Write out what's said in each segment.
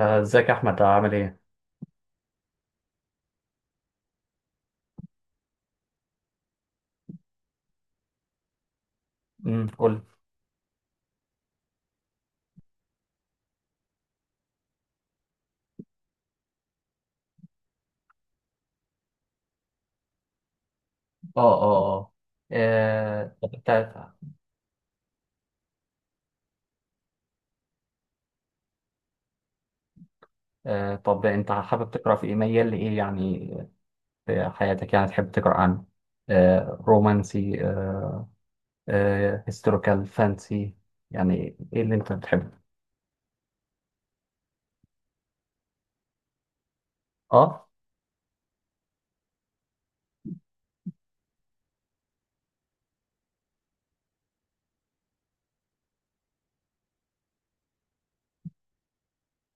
ازيك يا احمد عامل ايه؟ قول لي. اه، اه، اه، آه. تا- طب انت حابب تقرا في ايه، ميال لايه يعني، في حياتك يعني، تحب تقرا عن رومانسي، هيستوريكال فانسي؟ يعني ايه اللي انت بتحبه؟ اه.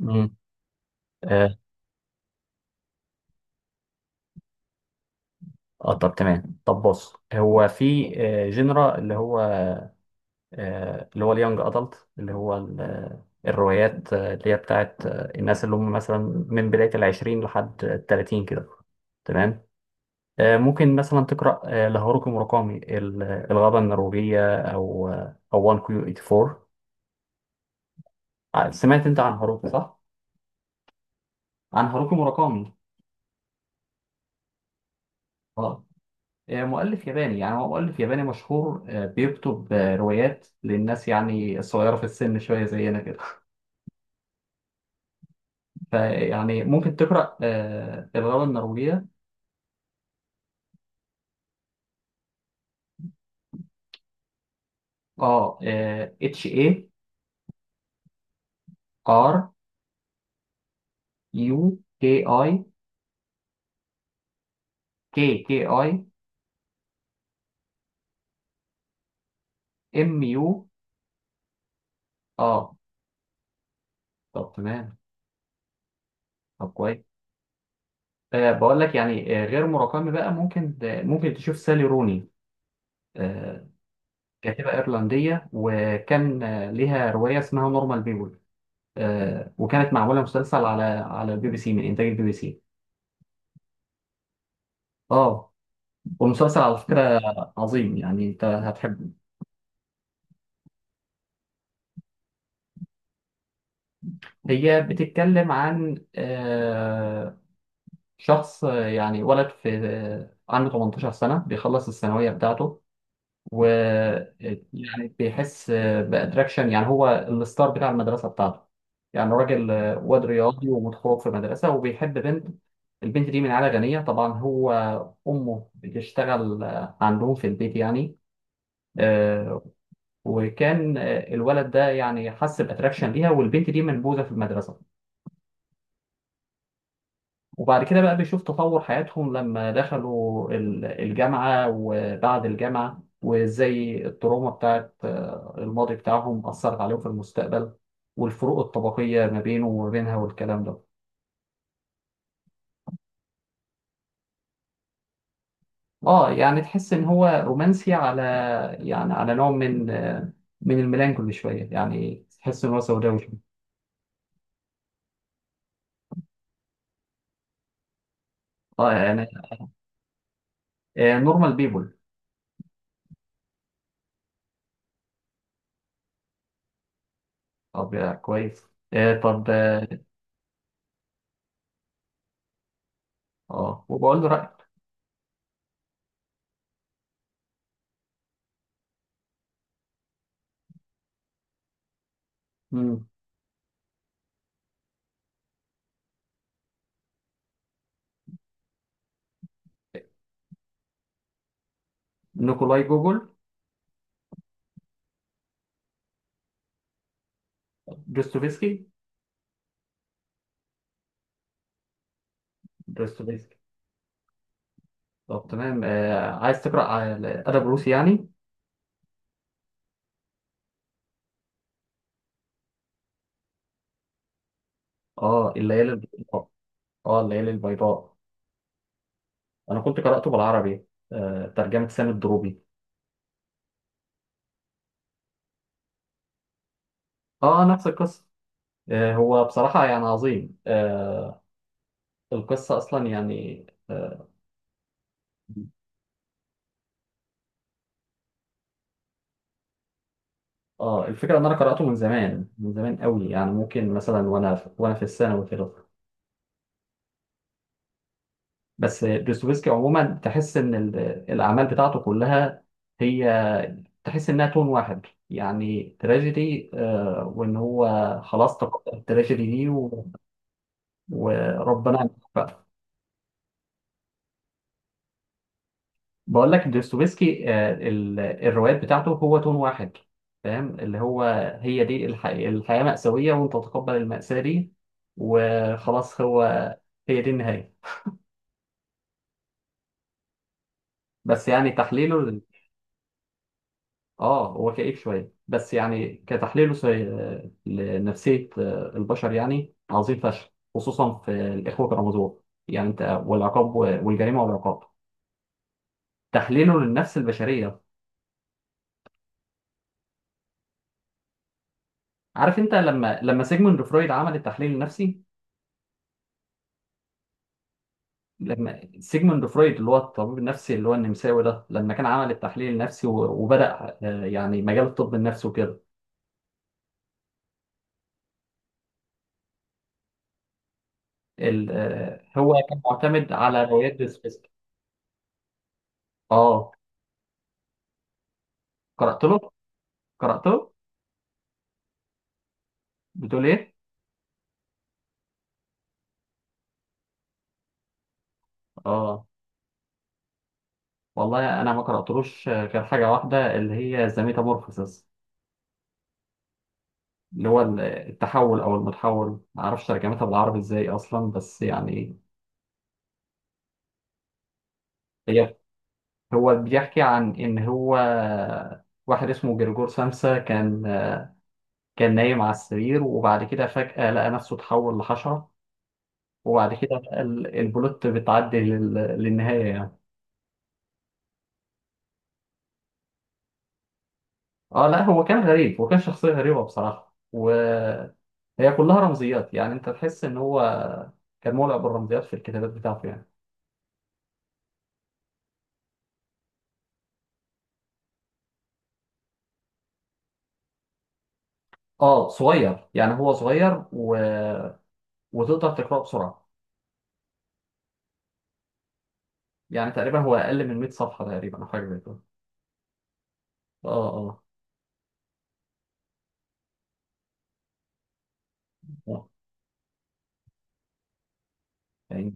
امم اه. طب تمام، طب بص، هو في جنرا اللي هو اللي هو اليانج ادلت، اللي هو الروايات اللي هي بتاعت الناس اللي هم مثلا من بداية العشرين لحد التلاتين كده. تمام. ممكن مثلا تقرأ لهاروكي موراكامي، الغابة النرويجية، أو 1 كيو 84. سمعت أنت عن هاروكي صح؟ عن هاروكي موراكامي. اه. مؤلف ياباني، يعني هو مؤلف ياباني مشهور، بيكتب روايات للناس يعني الصغيرة في السن شوية، زينا كده. فيعني ممكن تقرأ الغابة النرويجية. اه. اتش، اي، ار، يو، كي، اي، كي، كي، اي، ام، يو. اه. طب تمام. طب كويس. بقول لك يعني، غير مراكمي بقى، ممكن تشوف سالي روني. آه كاتبة إيرلندية، وكان ليها رواية اسمها نورمال بيبول. وكانت معمولة مسلسل على البي بي سي، من إنتاج البي بي سي. اه. والمسلسل على فكرة عظيم، يعني انت هتحبه. هي بتتكلم عن شخص يعني، ولد في، عنده 18 سنة، بيخلص الثانوية بتاعته، و يعني بيحس بأتراكشن، يعني هو الستار بتاع المدرسة بتاعته، يعني راجل، واد رياضي ومتخرج في مدرسة وبيحب بنت. البنت دي من عائلة غنية، طبعا هو أمه بتشتغل عندهم في البيت يعني. آه، وكان الولد ده يعني حس بأتراكشن ليها، والبنت دي منبوذة في المدرسة. وبعد كده بقى بيشوف تطور حياتهم لما دخلوا الجامعة وبعد الجامعة، وازاي التروما بتاعت الماضي بتاعهم أثرت عليهم في المستقبل، والفروق الطبقية ما بينه وما بينها والكلام ده. اه يعني تحس ان هو رومانسي، على يعني على نوع من من الميلانكولي شوية، يعني تحس ان هو سوداوي شوية. اه يعني. نورمال بيبول. طب، كويس. طب، اه. وبقول له رأيك. مم. نيكولاي جوجل؟ دوستويفسكي؟ دوستويفسكي. طب تمام. عايز تقرأ على أدب روسي يعني؟ الليالي البيضاء. الليالي البيضاء. أنا كنت قرأته بالعربي، ترجمة سامي الدروبي. نفس القصة. هو بصراحة يعني عظيم. القصة أصلا يعني الفكرة إن أنا قرأته من زمان، من زمان قوي، يعني ممكن مثلا وأنا في الثانوي كده. بس دوستويفسكي عموما، تحس إن الأعمال بتاعته كلها، هي تحس انها تون واحد، يعني تراجيدي، وان هو خلاص تقبل التراجيدي دي. وربنا يعمل بقى. بقول لك دوستويفسكي، الروايات بتاعته هو تون واحد، فاهم؟ اللي هو هي دي الحياة مأساوية، وانت تتقبل المأساة دي وخلاص، هو هي دي النهاية. بس يعني تحليله، اه هو كئيب شويه بس، يعني كتحليله لنفسيه البشر يعني عظيم فشخ، خصوصا في الاخوه كرامازوف، يعني انت والجريمه والعقاب. تحليله للنفس البشريه، عارف انت لما، سيجموند فرويد عمل التحليل النفسي، لما سيجموند فرويد اللي هو الطبيب النفسي، اللي هو النمساوي ده، لما كان عمل التحليل النفسي وبدأ يعني مجال الطب النفسي وكده، هو كان معتمد على روايات ديسبيست. اه. قرأت له. قرأت له. بتقول ايه؟ اه، والله انا ما قراتلوش غير حاجه واحده، اللي هي زاميتامورفوسيس، اللي هو التحول او المتحول، ما اعرفش ترجمتها بالعربي ازاي اصلا، بس يعني، هي هو بيحكي عن ان هو واحد اسمه جرجور سمسة، كان نايم على السرير، وبعد كده فجأة لقى نفسه اتحول لحشرة. وبعد كده بقى البلوت بتعدي للنهاية يعني. اه لا، هو كان غريب، وكان شخصية غريبة بصراحة. و هي كلها رمزيات، يعني انت تحس ان هو كان مولع بالرمزيات في الكتابات بتاعته يعني. اه، صغير يعني، هو صغير، و... وتقدر تقراه بسرعه، يعني تقريبا هو اقل من 100 صفحه تقريبا، او حاجه زي كده. اه. اه. آه. يعني.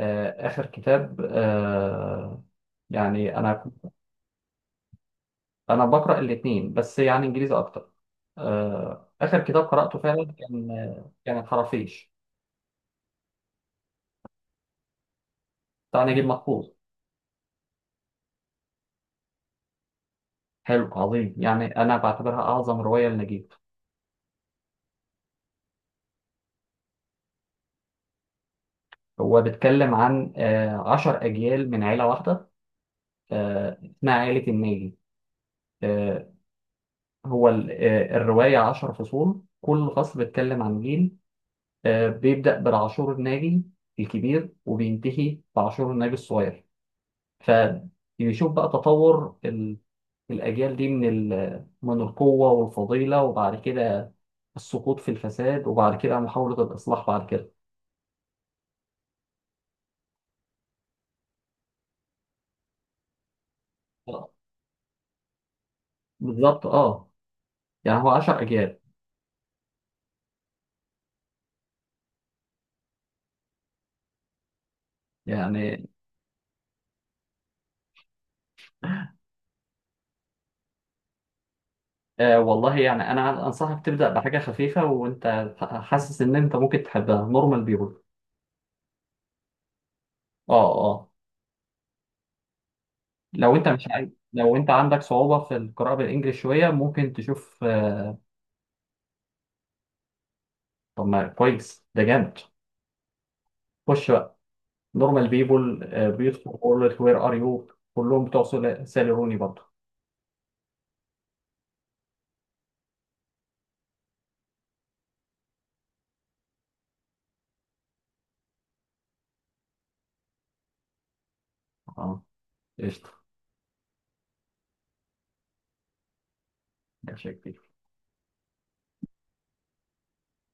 اخر كتاب. يعني انا، انا بقرا الاثنين بس يعني انجليزي اكتر. اخر كتاب قراته فعلا كان، الخرافيش بتاع نجيب محفوظ. حلو، عظيم، يعني انا بعتبرها اعظم روايه لنجيب. هو بيتكلم عن عشر أجيال من عيلة واحدة، اسمها عيلة الناجي. آه، هو الرواية عشر فصول، كل فصل بيتكلم عن جيل. بيبدأ بالعاشور الناجي الكبير، وبينتهي بعاشور الناجي الصغير. فبيشوف بقى تطور الأجيال دي، من القوة والفضيلة، وبعد كده السقوط في الفساد، وبعد كده محاولة الإصلاح بعد كده. بالظبط، اه، يعني هو عشر أجيال، يعني. والله يعني انا انصحك تبدا بحاجه خفيفه، وانت حاسس ان انت ممكن تحبها، نورمال بيبول. اه. اه. لو انت مش عايز لو انت عندك صعوبه في القراءه بالانجلش شويه، ممكن تشوف طب ما كويس، ده جامد. خش بقى، نورمال بيبول، بيوتفول وورلد، وير ار يو. كلهم بتوع سالي روني برضه. اه. قشطه. ماشي يا كبير.